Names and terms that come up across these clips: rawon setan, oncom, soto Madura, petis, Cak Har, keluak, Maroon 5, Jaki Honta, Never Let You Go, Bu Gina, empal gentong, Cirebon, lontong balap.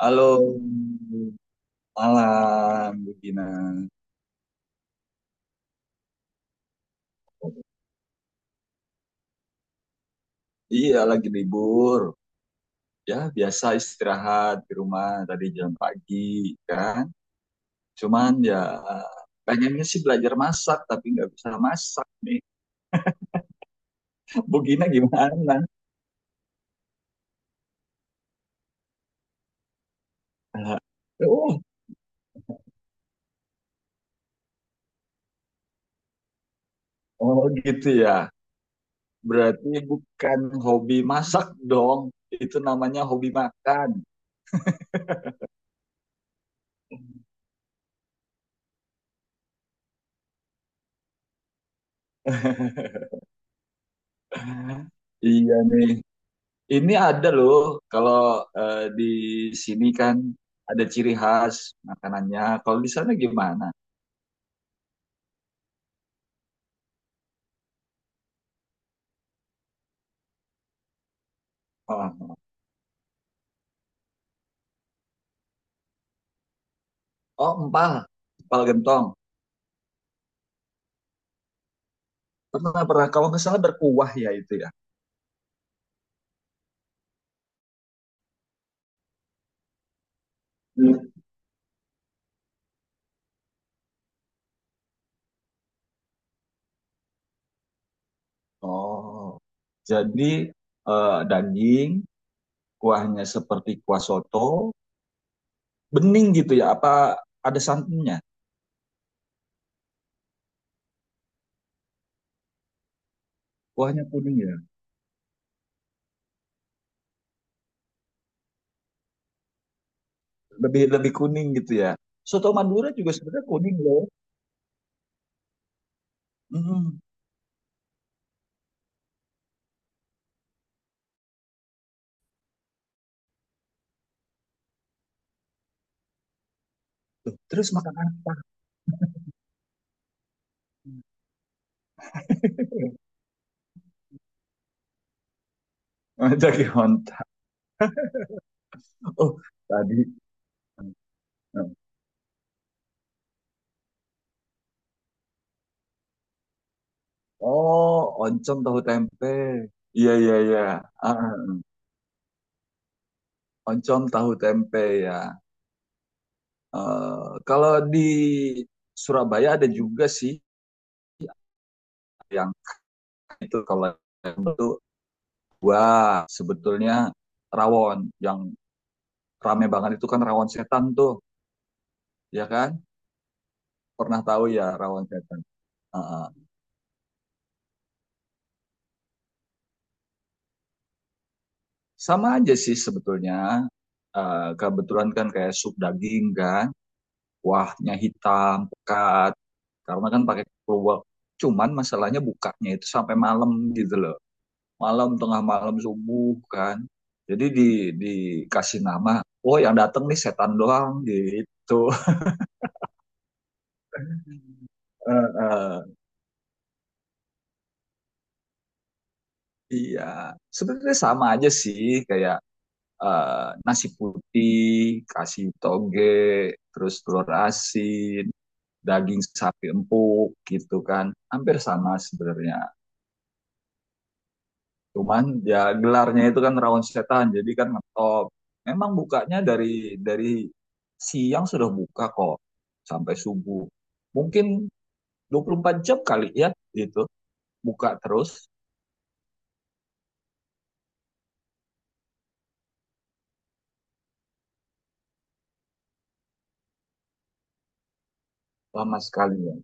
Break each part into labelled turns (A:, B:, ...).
A: Halo, malam, Bu Gina. Iya, lagi libur. Ya, biasa istirahat di rumah tadi jam pagi, kan? Cuman ya, pengennya sih belajar masak, tapi nggak bisa masak nih. Bu Gina gimana? Oh, oh gitu ya. Berarti bukan hobi masak dong. Itu namanya hobi makan. Iya nih. Ini ada loh, kalau di sini kan ada ciri khas makanannya. Kalau di sana gimana? Oh, oh, empal, empal gentong. Pernah pernah kalau nggak salah berkuah ya itu ya. Hmm. Oh, jadi daging, kuahnya seperti kuah soto, bening gitu ya? Apa ada santannya? Kuahnya kuning ya, lebih lebih kuning gitu ya. Soto Madura juga sebenarnya kuning loh. Mm. Tuh, terus makan apa? Jaki Honta. Oh, tadi. Oh, oncom tahu tempe. Iya, iya, iya. Ah, oncom tahu tempe ya. Eh, kalau di Surabaya ada juga sih yang itu kalau itu wah sebetulnya rawon yang rame banget itu kan rawon setan tuh, ya kan? Pernah tahu ya rawon setan. Ah, ah. Sama aja sih sebetulnya. Kebetulan kan kayak sup daging kan. Kuahnya hitam, pekat, karena kan pakai keluak. Cuman masalahnya bukanya itu sampai malam gitu loh. Malam, tengah malam, subuh kan. Jadi di dikasih nama, oh yang datang nih setan doang gitu. Eh, eh, iya, sebenarnya sama aja sih kayak nasi putih, kasih toge, terus telur asin, daging sapi empuk gitu kan, hampir sama sebenarnya. Cuman ya gelarnya itu kan rawon setan, jadi kan ngetop. Memang bukanya dari siang sudah buka kok sampai subuh. Mungkin 24 jam kali ya gitu. Buka terus lama sekali ya.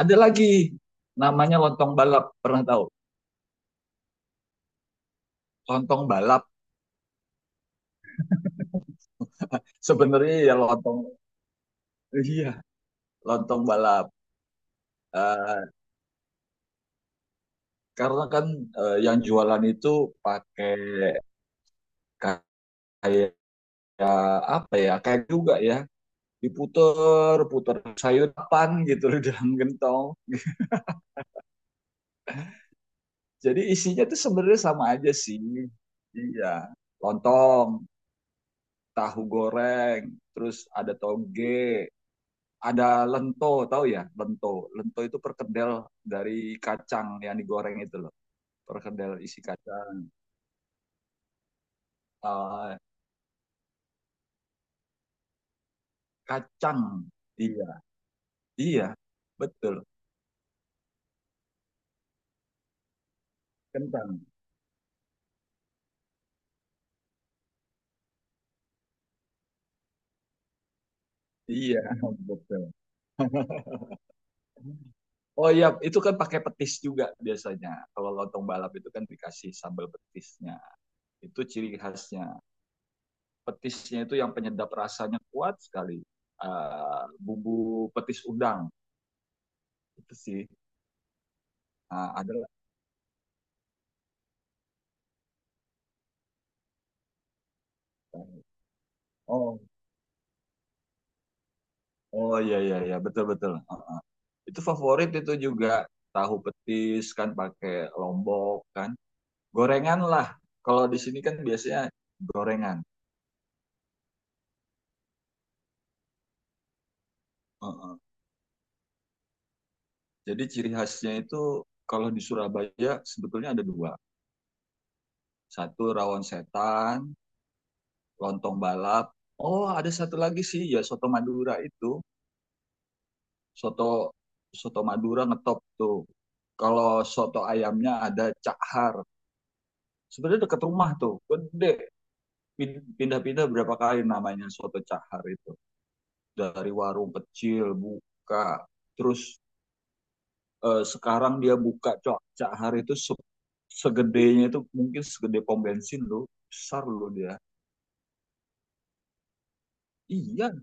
A: Ada lagi namanya lontong balap, pernah tahu? Lontong balap sebenarnya ya lontong iya, lontong balap. Eh, karena kan yang jualan itu pakai kayak apa ya? Kayak juga ya diputer puter sayuran gitu loh dalam gentong. Jadi isinya tuh sebenarnya sama aja sih iya lontong tahu goreng terus ada toge ada lento tahu ya lento lento itu perkedel dari kacang yang digoreng itu loh perkedel isi kacang. Eh, kacang iya iya betul kentang iya betul. Oh iya, itu kan pakai petis juga biasanya. Kalau lontong balap itu kan dikasih sambal petisnya. Itu ciri khasnya. Petisnya itu yang penyedap rasanya kuat sekali. Bumbu petis udang itu sih. Ah, ada. Oh, oh iya iya iya betul betul. Ah, itu favorit itu juga tahu petis kan pakai lombok kan. Gorengan lah. Kalau di sini kan biasanya gorengan. Heeh. Jadi ciri khasnya itu kalau di Surabaya sebetulnya ada dua. Satu rawon setan, lontong balap. Oh, ada satu lagi sih ya soto Madura itu. Soto soto Madura ngetop tuh. Kalau soto ayamnya ada Cak Har. Sebenarnya dekat rumah tuh, gede. Pindah-pindah berapa kali namanya soto Cak Har itu. Dari warung kecil buka, terus sekarang dia buka Cak Cak Har itu segedenya itu mungkin segede pom bensin loh. Besar loh dia. Iya,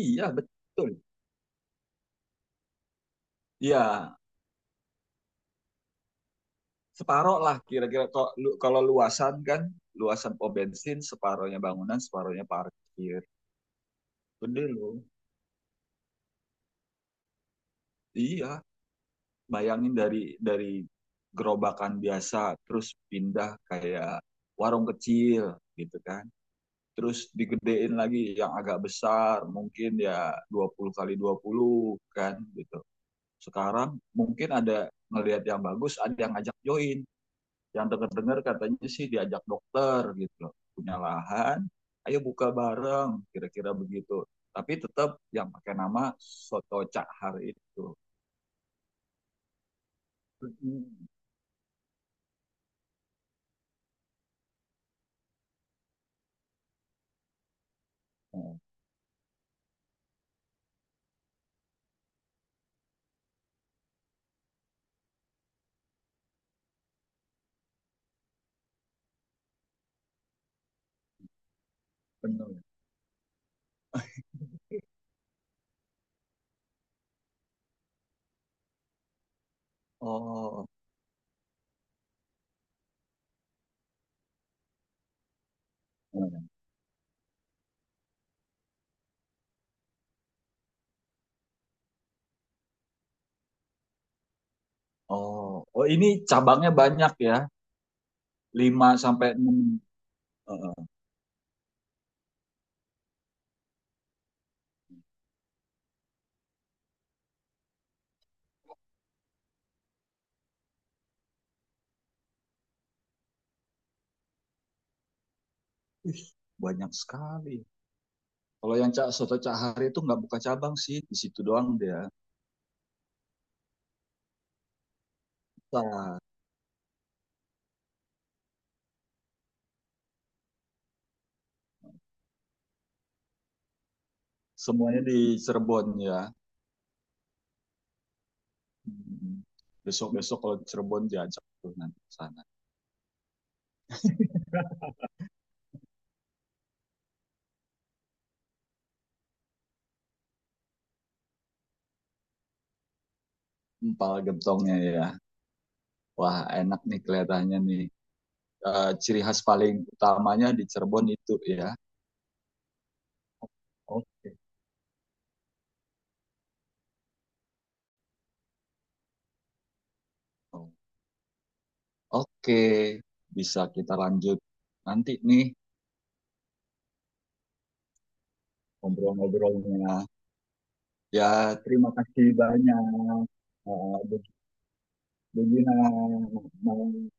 A: iya betul. Iya, separoh lah kira-kira kalau kalau luasan kan luasan pom bensin separohnya bangunan separohnya parkir. Gede loh. Iya, bayangin dari gerobakan biasa terus pindah kayak warung kecil gitu kan terus digedein lagi yang agak besar mungkin ya 20 kali 20 kan gitu. Sekarang mungkin ada ngelihat yang bagus ada yang ngajak join, yang dengar-dengar katanya sih diajak dokter gitu, punya lahan, ayo buka bareng, kira-kira begitu, tapi tetap yang pakai nama soto cak har itu. Oh, benar. Oh, oh, oh, ini cabangnya banyak ya. Lima sampai enam. uh, banyak sekali. Kalau yang cak soto cak har itu nggak buka cabang sih, di situ doang dia. Nah, semuanya di Cirebon ya. Besok besok kalau Cirebon diajak tuh nanti ke sana. Empal gentongnya ya. Wah, enak nih kelihatannya nih. Ciri khas paling utamanya di Cirebon itu ya. Oke. Oke, bisa kita lanjut nanti nih ngobrol-ngobrolnya. Ya, terima kasih banyak. Eh, Bu Bu Gina, mau